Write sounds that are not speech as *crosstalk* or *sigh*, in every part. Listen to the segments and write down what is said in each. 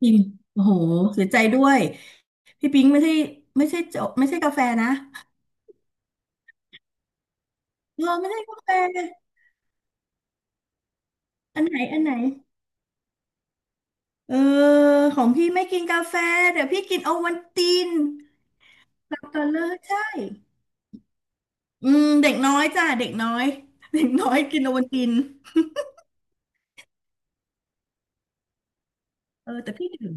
พิมพ์โอ้โหเสียใจด้วยพี่ปิงไม่ใช่ไม่ใช่โจไม่ใช่กาแฟนะเออไม่ใช่กาแฟอันไหนอันไหนเออของพี่ไม่กินกาแฟเดี๋ยวพี่กินโอวัลตินหลับก่อนเลยใช่อืมเด็กน้อยจ้ะเด็กน้อยเด็กน้อยกินโอวัลติน เออแต่พี่ดื่ม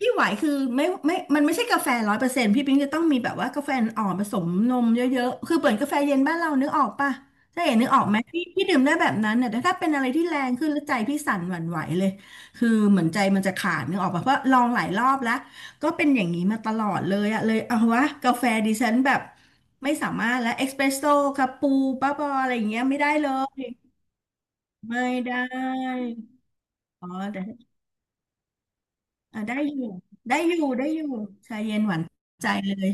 พี่ไหวคือไม่มันไม่ใช่กาแฟร้อยเปอร์เซ็นต์พี่ปิ๊งจะต้องมีแบบว่ากาแฟอ่อนผสมนมเยอะๆคือเปิดกาแฟเย็นบ้านเรานึกออกปะถ้าเห็นนึกออกไหมพี่พี่ดื่มได้แบบนั้นเนี่ยแต่ถ้าเป็นอะไรที่แรงขึ้นแล้วใจพี่สั่นหวั่นไหวเลยคือเหมือนใจมันจะขาดนึกออกปะเพราะลองหลายรอบแล้วก็เป็นอย่างนี้มาตลอดเลยอะเลยเอาวะกาแฟดิฉันแบบไม่สามารถแล้วเอสเปรสโซ่คาปูบ้าบออะไรอย่างเงี้ยไม่ได้เลยไม่ได้อ๋อ อ่าได้อยู่ได้อยู่ได้อยู่ชาเย็นหวานใจเลย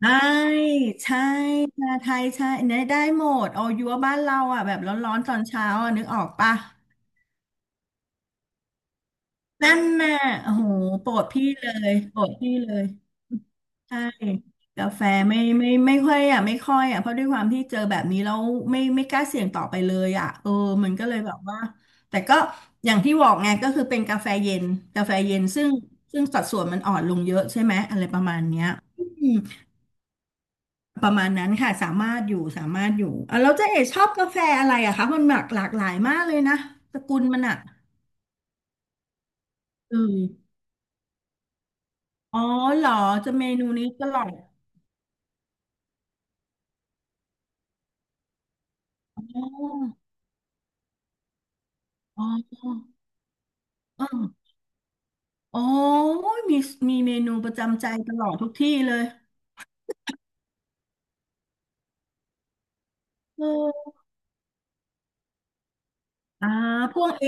ใช่ใช่ชาไทยใช่เนี่ยได้หมดเอายัวบ้านเราอ่ะแบบร้อนๆตอนเช้าอ่ะนึกออกปะนั่นน่ะโอ้โหโปรดพี่เลยโปรดพี่เลย ใช่กาแฟไม่ค่อยอ่ะไม่ค่อยอ่ะเพราะด้วยความที่เจอแบบนี้แล้วไม่กล้าเสี่ยงต่อไปเลยอ่ะเออมันก็เลยแบบว่าแต่ก็อย่างที่บอกไงก็คือเป็นกาแฟเย็นกาแฟเย็นซึ่งสัดส่วนมันอ่อนลงเยอะใช่ไหมอะไรประมาณเนี้ยอืมประมาณนั้นค่ะสามารถอยู่สามารถอยู่อ่ะแล้วเจ๊เอ๋ชอบกาแฟอะไรอะคะมันหลากหลายมากเลยนะสกุลมันอ่ะเอออ๋อเหรอจะเมนูนี้ตลอดอ๋ออ๋ออ๋อ โอ้ยมีมีเมนูประจำใจตลอดทุกที่เลยเอออ่าพวกเอ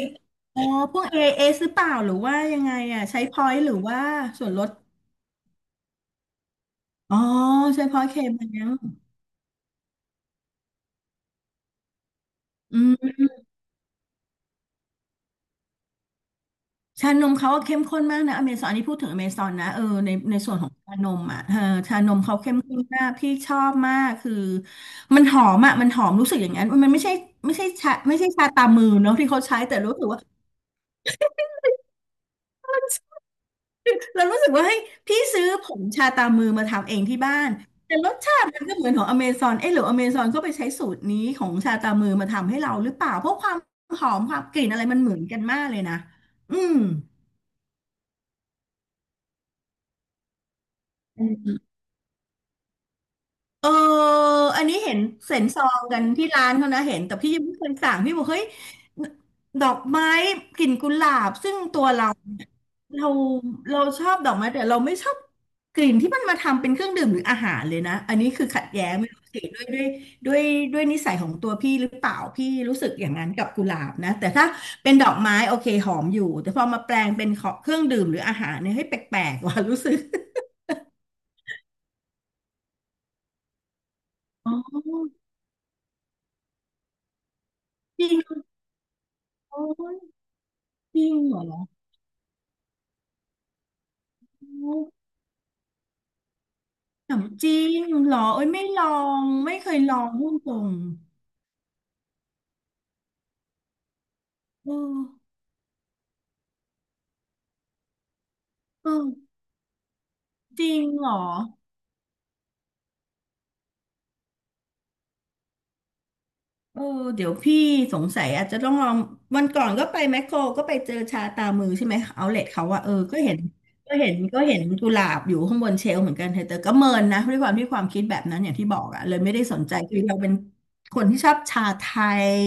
อ๋อพวกเอเอหรือเปล่าหรือว่ายังไงอ่ะใช้พอยต์หรือว่าส่วนลดอ๋อใช้พอยต์เคมันยังอืมชานมเขาก็เข้มข้นมากนะอเมซอนอันนี้พูดถึงอเมซอนนะเออในส่วนของชานมอ่ะเออชานมเขาเข้มข้นมากพี่ชอบมากคือมันหอมอ่ะมันหอมรู้สึกอย่างนั้นมันไม่ใช่ไม่ใช่ชาไม่ใช่ชาตามือเนาะที่เขาใช้แต่รู้สึกว่า เรารู้สึกว่าเฮ้ยพี่ซื้อผงชาตามือมาทำเองที่บ้านแต่รสชาติมันก็เหมือนของอเมซอนเอ๊ะหรืออเมซอนก็ไปใช้สูตรนี้ของชาตามือมาทำให้เราหรือเปล่าเพราะความหอมความกลิ่นอะไรมันเหมือนกันมากเลยนะอืม เอออันนี้เห็นเส็นซองกันที่ร้านเขานะเห็นแต่พี่ยังไม่เคยสั่งพี่บอกเฮ้ยดอกไม้กลิ่นกุหลาบซึ่งตัวเราเนี่ยเราเราชอบดอกไม้แต่เราไม่ชอบกลิ่นที่มันมาทำเป็นเครื่องดื่มหรืออาหารเลยนะอันนี้คือขัดแย้งไม่รู้สิด้วยด้วยนิสัยของตัวพี่หรือเปล่าพี่รู้สึกอย่างนั้นกับกุหลาบนะแต่ถ้าเป็นดอกไม้โอเคหอมอยู่แต่พอมาแปลงเป็นของเครื่องดื่มหรืออาหารเนี่ยให้ยแปลกๆว่ะรู้สึกอ๋อจริงเหรอจริงเหรอ ขนมจีนเหรอเอ้ยไม่ลองไม่เคยลองม่ดตรงเออเออจริงเหรอ เออเดี๋ยวพี่สงสัยอาจจะต้องลองวันก่อนก็ไปแมคโครก็ไปเจอชาตามือใช่ไหมเอาเลทเขาว่าเออก็เห็นก็เห็นกุหลาบอยู่ข้างบนเชลฟ์เหมือนกันเธอแต่ก็เมินนะด้วยความที่ความคิดแบบนั้นอย่างที่บอกอะเลยไม่ได้สนใจคือเราเป็นคนที่ชอบชาไทย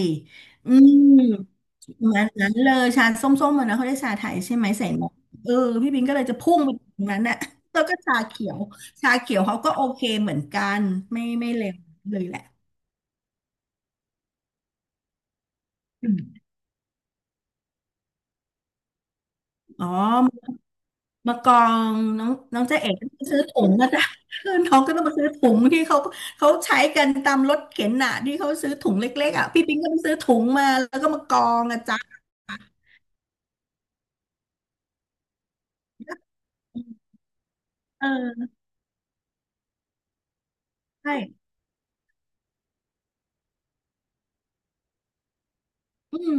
อืมประมันนั้นเลยชาส้มๆมันนะเขาได้ชาไทยใช่ไหมใส่นมเออพี่บินก็เลยจะพุ่งไปตรงนั้นน่ะ *laughs* แล้วก็ชาเขียวชาเขียวเขาก็โอเคเหมือนกันไม่ไม่เลวเลยแหละอ๋อ มากองน้องน้องเจ๊เอ๋ต้องไปซื้อถุงนะจ๊ะ *laughs* เพื่อนน้องก็ต้องมาซื้อถุงที่เขาเขาใช้กันตามรถเข็นน่ะที่เขาซื้อถุงเล็กๆอ่ะพี่ปิงก็ไปซื้อถุงมาแล้วก็มากองอ่ะจ๊ะเออใช่อืม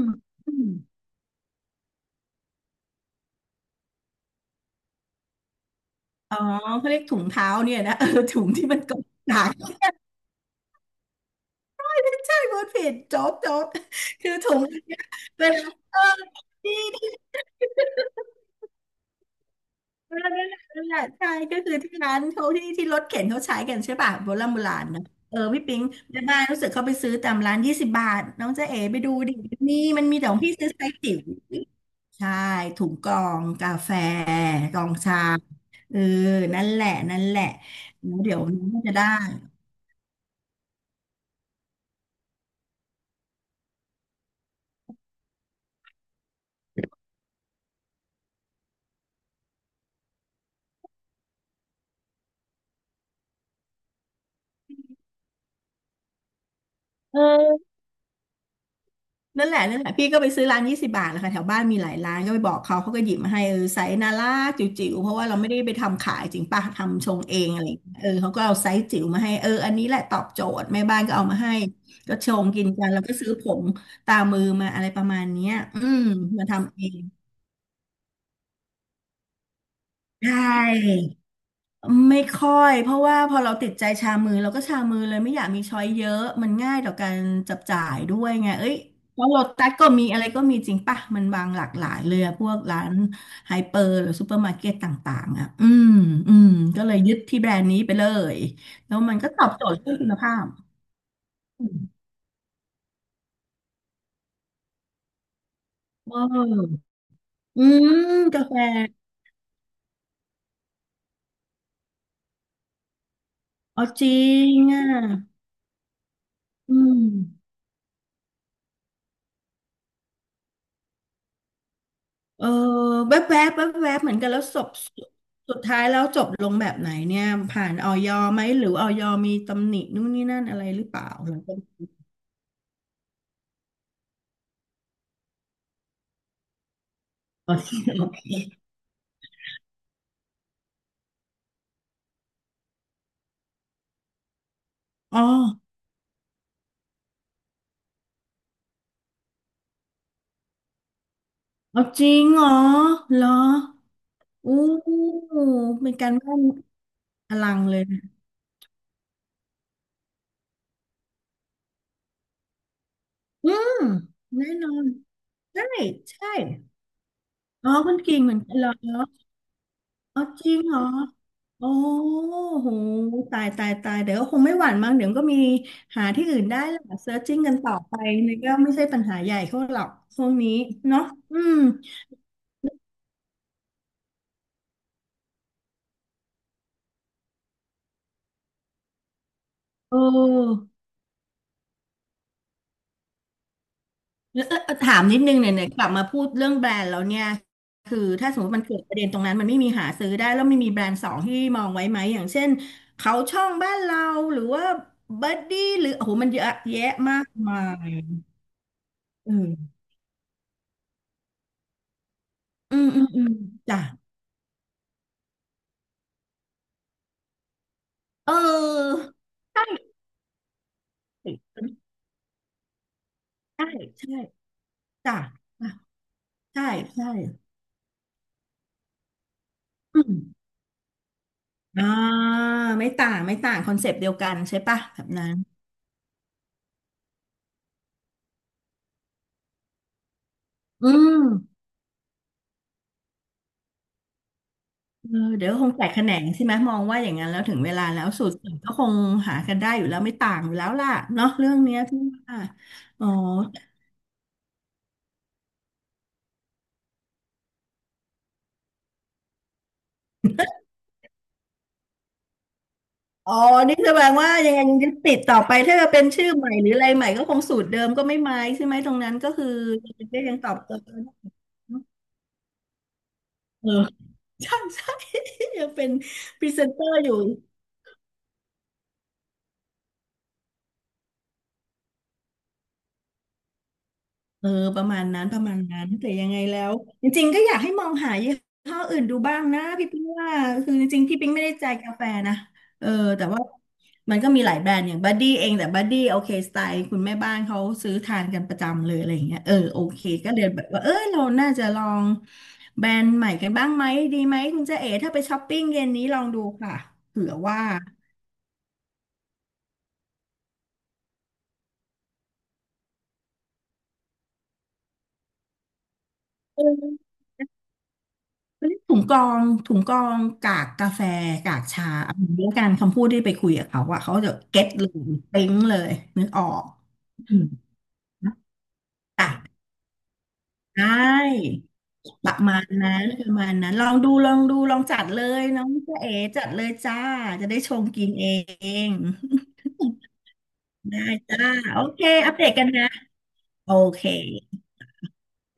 อืมอ๋อเขาเรียกถุงเท้าเนี่ยนะ *laughs* เออถุงที่มันกองหนาใช่พูด *laughs* ผิดโจ๊กคือถุงอันเนี่ยเวลาเออ นั่นแหละนั่นแหละใช่ก็คือที่ร้านเขาที่รถเข็นเขาใช้กันใช่ป่ะโบราณโบราณนะเออพี่ปิ๊งแม่บ้านรู้สึกเขาไปซื้อตามร้านยี่สิบบาทน้องจ๊ะเอ๋ไปดูดินี่มันมีแต่ของพี่ซื้อไซส์จิ๋วใช่ถุงกรองกาแฟกรองชาเออนั่นแหละนั่นแหละเดี๋ยวนี้จะได้เออ นั่นแหละนั่นแหละพี่ก็ไปซื้อร้านยี่สิบบาทแหละค่ะแถวบ้านมีหลายร้านก็ไปบอกเขาเขาก็หยิบมาให้เออไซส์น่ารักจิ๋วๆเพราะว่าเราไม่ได้ไปทำขายจริงป่ะทำชงเองอะไรอย่างเงี้ยเออเขาก็เอาไซส์จิ๋วมาให้เอออันนี้แหละตอบโจทย์แม่บ้านก็เอามาให้ก็ชงกินกันแล้วก็ซื้อผงตามือมาอะไรประมาณเนี้ยอืมมาทำเองใช่ ไม่ค่อยเพราะว่าพอเราติดใจชามือเราก็ชามือเลยไม่อยากมีช้อยเยอะมันง่ายต่อการจับจ่ายด้วยไงเอ้ยเพราะโลตัสก็มีอะไรก็มีจริงป่ะมันบางหลากหลายเลยอะพวกร้านไฮเปอร์หรือซูเปอร์มาร์เก็ตต่างๆอะอืมก็เลยยึดที่แบรนด์นี้ไปเลยแล้วมันก็ตอบโจทย์เรื่องคุณภาพอืมเอออืมกาแฟอ๋อจริงอ่ะอืม เออแวบๆแวบๆเหมือนกันแล้วศพสุดสุดท้ายแล้วจบลงแบบไหนเนี่ยผ่านออยไหมหรือออยมีตำหนินู่นนี่นั่นอะไรหรือเปล่าหรือเป็นอ๋อที่โอเคอ๋อเอาจริงเหรอเหรออู้เป็นการบ้านอลังเลยอืมแน่นอนใช่ใช่อ๋อคุณกิ่งเหมือนกันเหรออ๋อจริงเหรอ โอ้โหตายตายตายเดี๋ยวก็คงไม่หวั่นมั้งเดี๋ยวก็มีหาที่อื่นได้แหละเซิร์ชจิ้งกันต่อไปนี่ก็ไม่ใช่ปัญหาใหญ่เท่าหรอกช่วงนี้เนาะอืมเออแล้วถามนิดนึงเนี่ยเนี่ยกลับมาพูดเรื่องแบรนด์แล้วเนี่ยคือถ้าสมมติมันเกิดประเด็นตรงนั้นมันไม่มีหาซื้อได้แล้วไม่มีแบรนด์สองที่มองไว้ไหมอย่างเช่นเขาช่องบ้านเราหรือว่าบัดดี้หรือโอ้โหมันเยอะแยะมากมายเอออืมจ้ะเออใช่ ใช่ใช่จ้ะอ่ะใช่ใช่อืมอ่าไม่ต่างไม่ต่างคอนเซปต์เดียวกันใช่ปะแบบนั้นอืมเออเดี๋ยวคงแตกแขนงใช่ไหมมองว่าอย่างนั้นแล้วถึงเวลาแล้วสูตรอื่นก็คงหากันได้อยู่แล้วไม่ต่างอยู่แล้วล่ะเนาะเรื่องเนี้ยที่ว่าอ๋ออ๋อนี่แสดงว่ายังไงยึดติดต่อไปถ้าจะเป็นชื่อใหม่หรืออะไรใหม่ก็คงสูตรเดิมก็ไม่ไม้ใช่ไหมตรงนั้นก็คือก็ยังตอบเติมเออ *laughs* ใช่ใช่ยังเป็นพรีเซนเตอร์อยู่ เออประมาณนั้นประมาณนั้นแต่ยังไงแล้วจริงๆก็อยากให้มองหายี่ห้ออื่นดูบ้างนะพี่ปิ๊งว่าคือจริงๆพี่ปิ๊งไม่ได้ใจกาแฟนะเออแต่ว่ามันก็มีหลายแบรนด์อย่างบัดดี้เองแต่บัดดี้โอเคสไตล์คุณแม่บ้านเขาซื้อทานกันประจำเลยอะไรอย่างเงี้ยเออโอเคก็เลยแบบว่าเออเราน่าจะลองแบรนด์ใหม่กันบ้างไหมดีไหมคุณเจ๊เอ๋ถ้าไปช้อปปิ้งเย็นนี้ลองดูค่ะเผื่อว่าเออ เรียกถุงกรองถุงกรองกากกาแฟกากชาเอาอย่างนี้ละกันคำพูดที่ไปคุยกับเขาอะเขาจะเก็ตเลยปิ๊งเลยนึกออกอืมจ้ะได้ประมาณนั้นประมาณนั้นลองดูลองดูลองจัดเลยน้องเจ๊เอ๋จัดเลยจ้าจะได้ชมกินเองได้จ้าโอเคอัปเดตกันนะโอเค